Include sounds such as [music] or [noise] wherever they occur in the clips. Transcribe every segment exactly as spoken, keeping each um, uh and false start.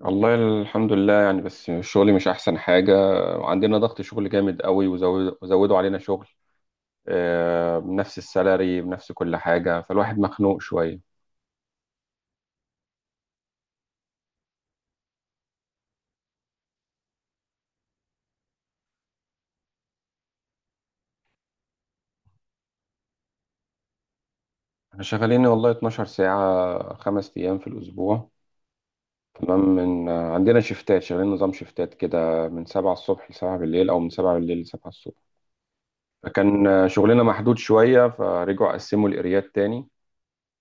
والله، الحمد لله يعني بس شغلي مش احسن حاجه. عندنا ضغط شغل جامد قوي وزود- وزودوا علينا شغل، آه، بنفس السالري بنفس كل حاجه فالواحد مخنوق شويه. احنا شغالين والله اتناشر ساعة ساعه خمس ايام في الاسبوع. تمام. من آه، عندنا شيفتات شغالين نظام شيفتات كده من سبعة الصبح ل سبعة بالليل او من سبعة بالليل ل سبعة الصبح. فكان آه، شغلنا محدود شويه فرجعوا قسموا الاريات تاني.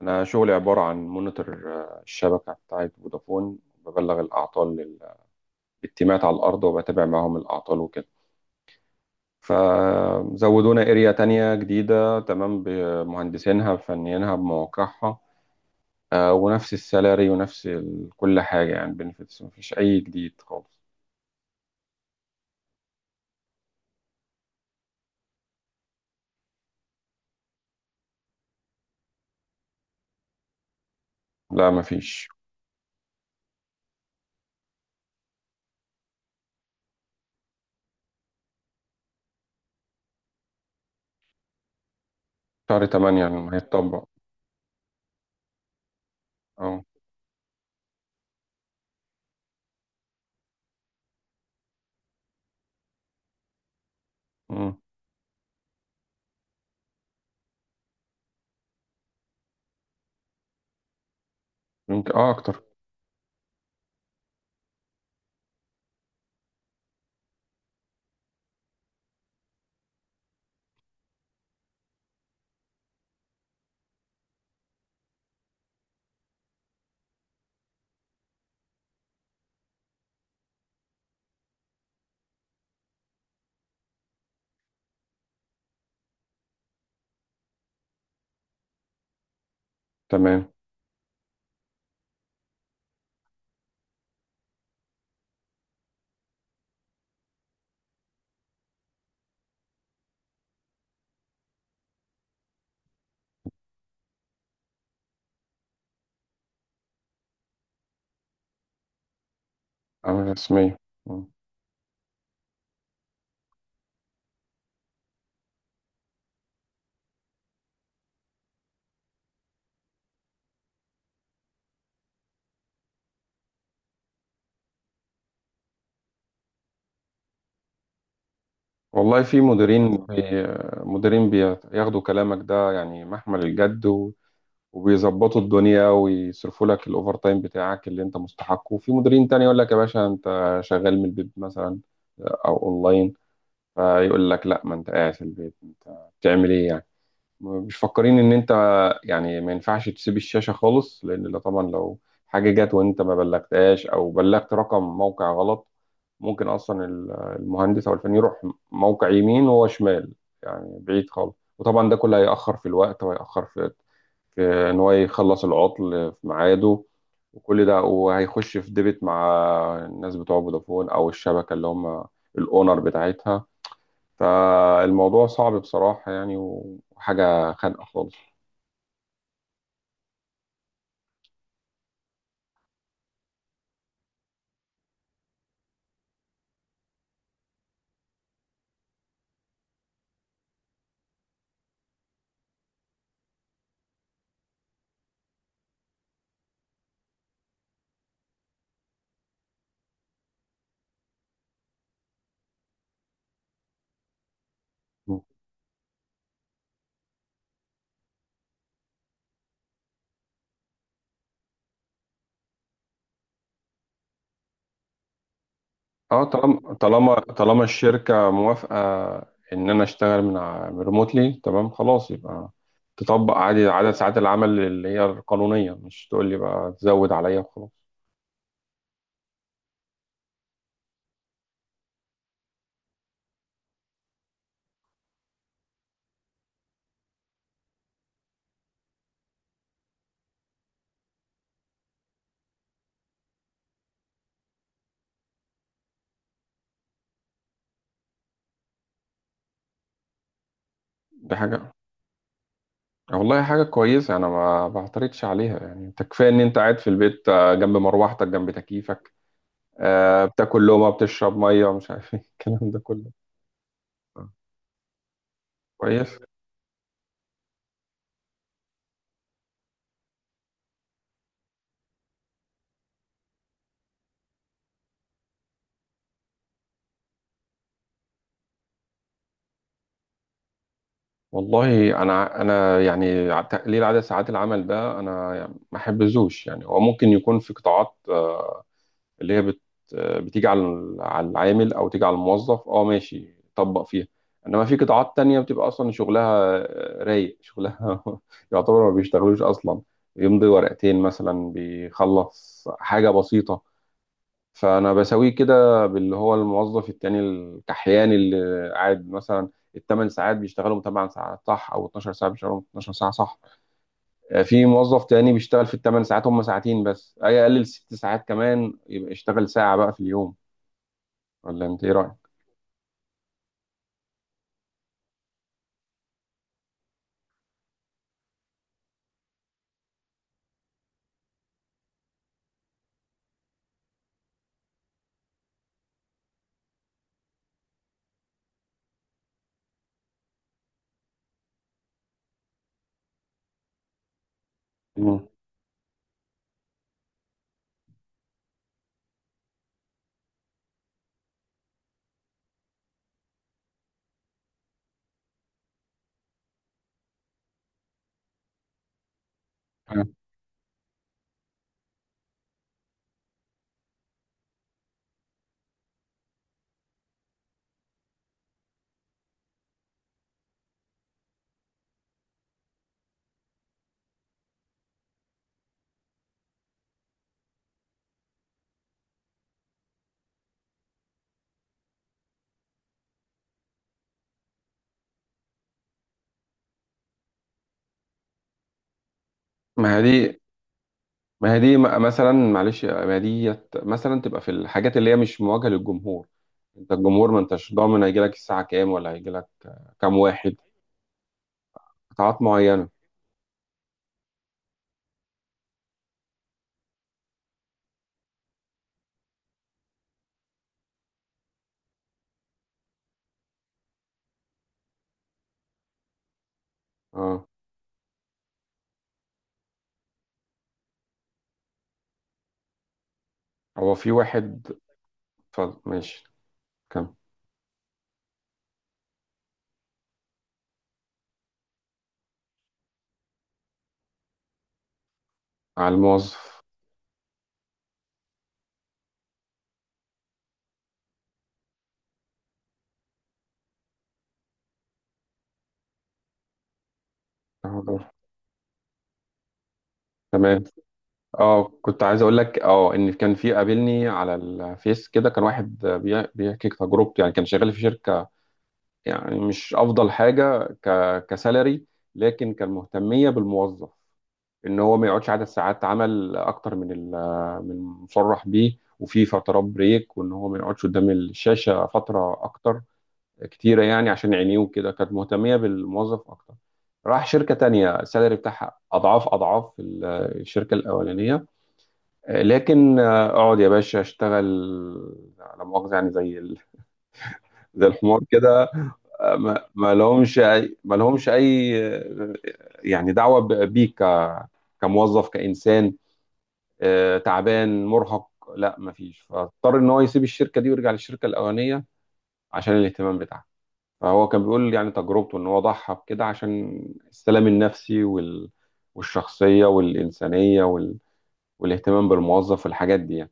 انا شغلي عباره عن مونيتور آه، الشبكه بتاعت فودافون، ببلغ الاعطال التيمات على الأرض وبتابع معاهم الأعطال وكده. فزودونا اريا تانية جديدة تمام بمهندسينها بفنيينها بمواقعها، آه، ونفس السالاري ونفس ال- كل حاجة يعني بنفيتس، مفيش أي جديد خالص. لا مفيش. شهر تمانية لما هيتطبق. اه. مم. يمكن اه أكتر. تمام. عامل رسمية. مم. والله في مديرين بي... مديرين بياخدوا كلامك ده يعني محمل الجد وبيظبطوا الدنيا ويصرفوا لك الاوفر تايم بتاعك اللي انت مستحقه، وفي مديرين تاني يقول لك يا باشا انت شغال من البيت مثلا، آه، او اونلاين. فيقول لك لا، ما انت قاعد في البيت انت بتعمل ايه يعني؟ مش فاكرين ان انت. يعني ما ينفعش تسيب الشاشة خالص، لان لو- طبعا لو حاجة جت وانت ما بلغتهاش او بلغت رقم موقع غلط، ممكن اصلا ال- المهندس او الفني يروح موقع يمين وهو شمال، يعني بعيد خالص. وطبعا ده كله هيأخر في الوقت وهيأخر في في ان هو يخلص العطل في ميعاده، وكل ده وهيخش في ديبت مع الناس بتوع فودافون او الشبكة اللي هم الاونر بتاعتها. فالموضوع صعب بصراحة يعني، وحاجة خانقة خالص. اه، طالما طالما طالما الشركة موافقة ان انا اشتغل من ريموتلي، تمام، خلاص يبقى تطبق عادي عدد ساعات العمل اللي هي القانونية، مش تقول لي بقى تزود عليا وخلاص. دي حاجة والله حاجة كويسة، انا ما بعترضش عليها يعني. انت كفاية ان انت قاعد في البيت آه، جنب مروحتك جنب تكييفك، آه، بتاكل لقمة بتشرب مية مش عارف ايه [laughs] الكلام ده كله. آه، كويس. والله انا انا يعني، ع- تقليل عدد ساعات العمل ده انا يعني ما احبذوش. يعني هو ممكن يكون في قطاعات آه، اللي هي بت آه، بتيجي على ال- على العامل او تيجي على الموظف، اه ماشي طبق فيها. انما في قطاعات تانية بتبقى اصلا شغلها آه، رايق، شغلها [laughs] يعتبر ما بيشتغلوش اصلا، يمضي ورقتين مثلا بيخلص حاجة بسيطة. فانا بساويه كده باللي هو الموظف التاني الكحيان اللي قاعد مثلا الثمان ساعات بيشتغلهم 8 ساعات صح، او اتناشر ساعة ساعه بيشتغلهم اتناشر ساعة ساعه صح. آه، في موظف تاني بيشتغل في الثمان ساعات هم ساعتين بس، اي اقلل ست ساعات كمان يبقى يشتغل ساعه بقى في اليوم. ولا انت ايه رايك؟ مم. ما هي دي ما هي دي م- مثلا معلش ما هي دي مثلا تبقى في الحاجات اللي هي مش مواجهه للجمهور. انت الجمهور ما انتش ضامن هيجي لك الساعه كام، ولا هيجي لك كام واحد. قطاعات معينه. اه. هو في واحد. اتفضل ماشي كم. على الموظف. تمام. اه كنت عايز اقول لك، اه ان كان في قابلني على الفيس كده، كان واحد بي- بيحكي تجربته يعني. كان شغال في شركه يعني مش افضل حاجه ك كسالري، لكن كان مهتميه بالموظف ان هو ما يقعدش عدد ساعات عمل اكتر من ال- من المصرح بيه، وفي فترات بريك، وان هو ما يقعدش قدام الشاشه فتره اكتر كتيرة يعني عشان عينيه وكده. كانت مهتمية بالموظف أكتر. راح شركة تانية السالري بتاعها أضعاف أضعاف ال- الشركة الأولانية، آه، لكن آه، أقعد يا باشا أشتغل، لا مؤاخذة، يعني زي ال- [laughs] زي الحمار كده. آه، ما ما لهمش أي، ما لهمش أي آه، يعني دعوة ب- بيك ك- كموظف كإنسان، آه، تعبان مرهق. لا مفيش، فاضطر إن هو يسيب الشركة دي ويرجع للشركة الأولانية عشان الاهتمام بتاعها. فهو كان بيقول يعني تجربته ان هو ضحى بكده عشان السلام النفسي وال... والشخصية والإنسانية وال... والاهتمام بالموظف والحاجات دي يعني.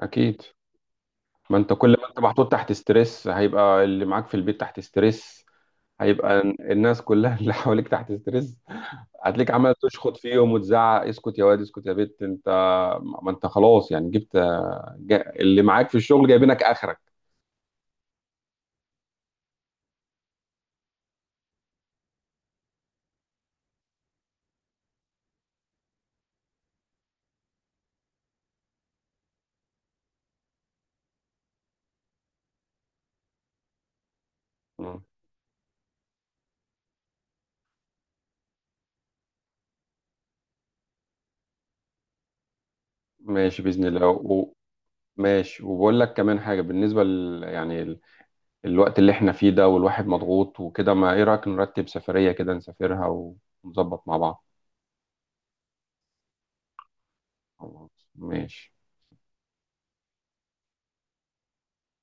أكيد. ما أنت كل ما أنت محطوط تحت ستريس هيبقى اللي معاك في البيت تحت ستريس، هيبقى الناس كلها [laughs] اللي حواليك تحت ستريس. هتلاقيك عمال تشخط فيهم وتزعق: اسكت يا واد، اسكت يا بت، انت ما انت خلاص يعني، جبت جا... اللي معاك في الشغل جايبينك اخرك. مم. ماشي باذن الله. ماشي، وبقول لك كمان حاجة بالنسبة ل... يعني ال... الوقت اللي احنا فيه ده، والواحد مضغوط وكده، ما ايه رأيك نرتب سفرية كده نسافرها، ونظبط مع بعض؟ خلاص ماشي.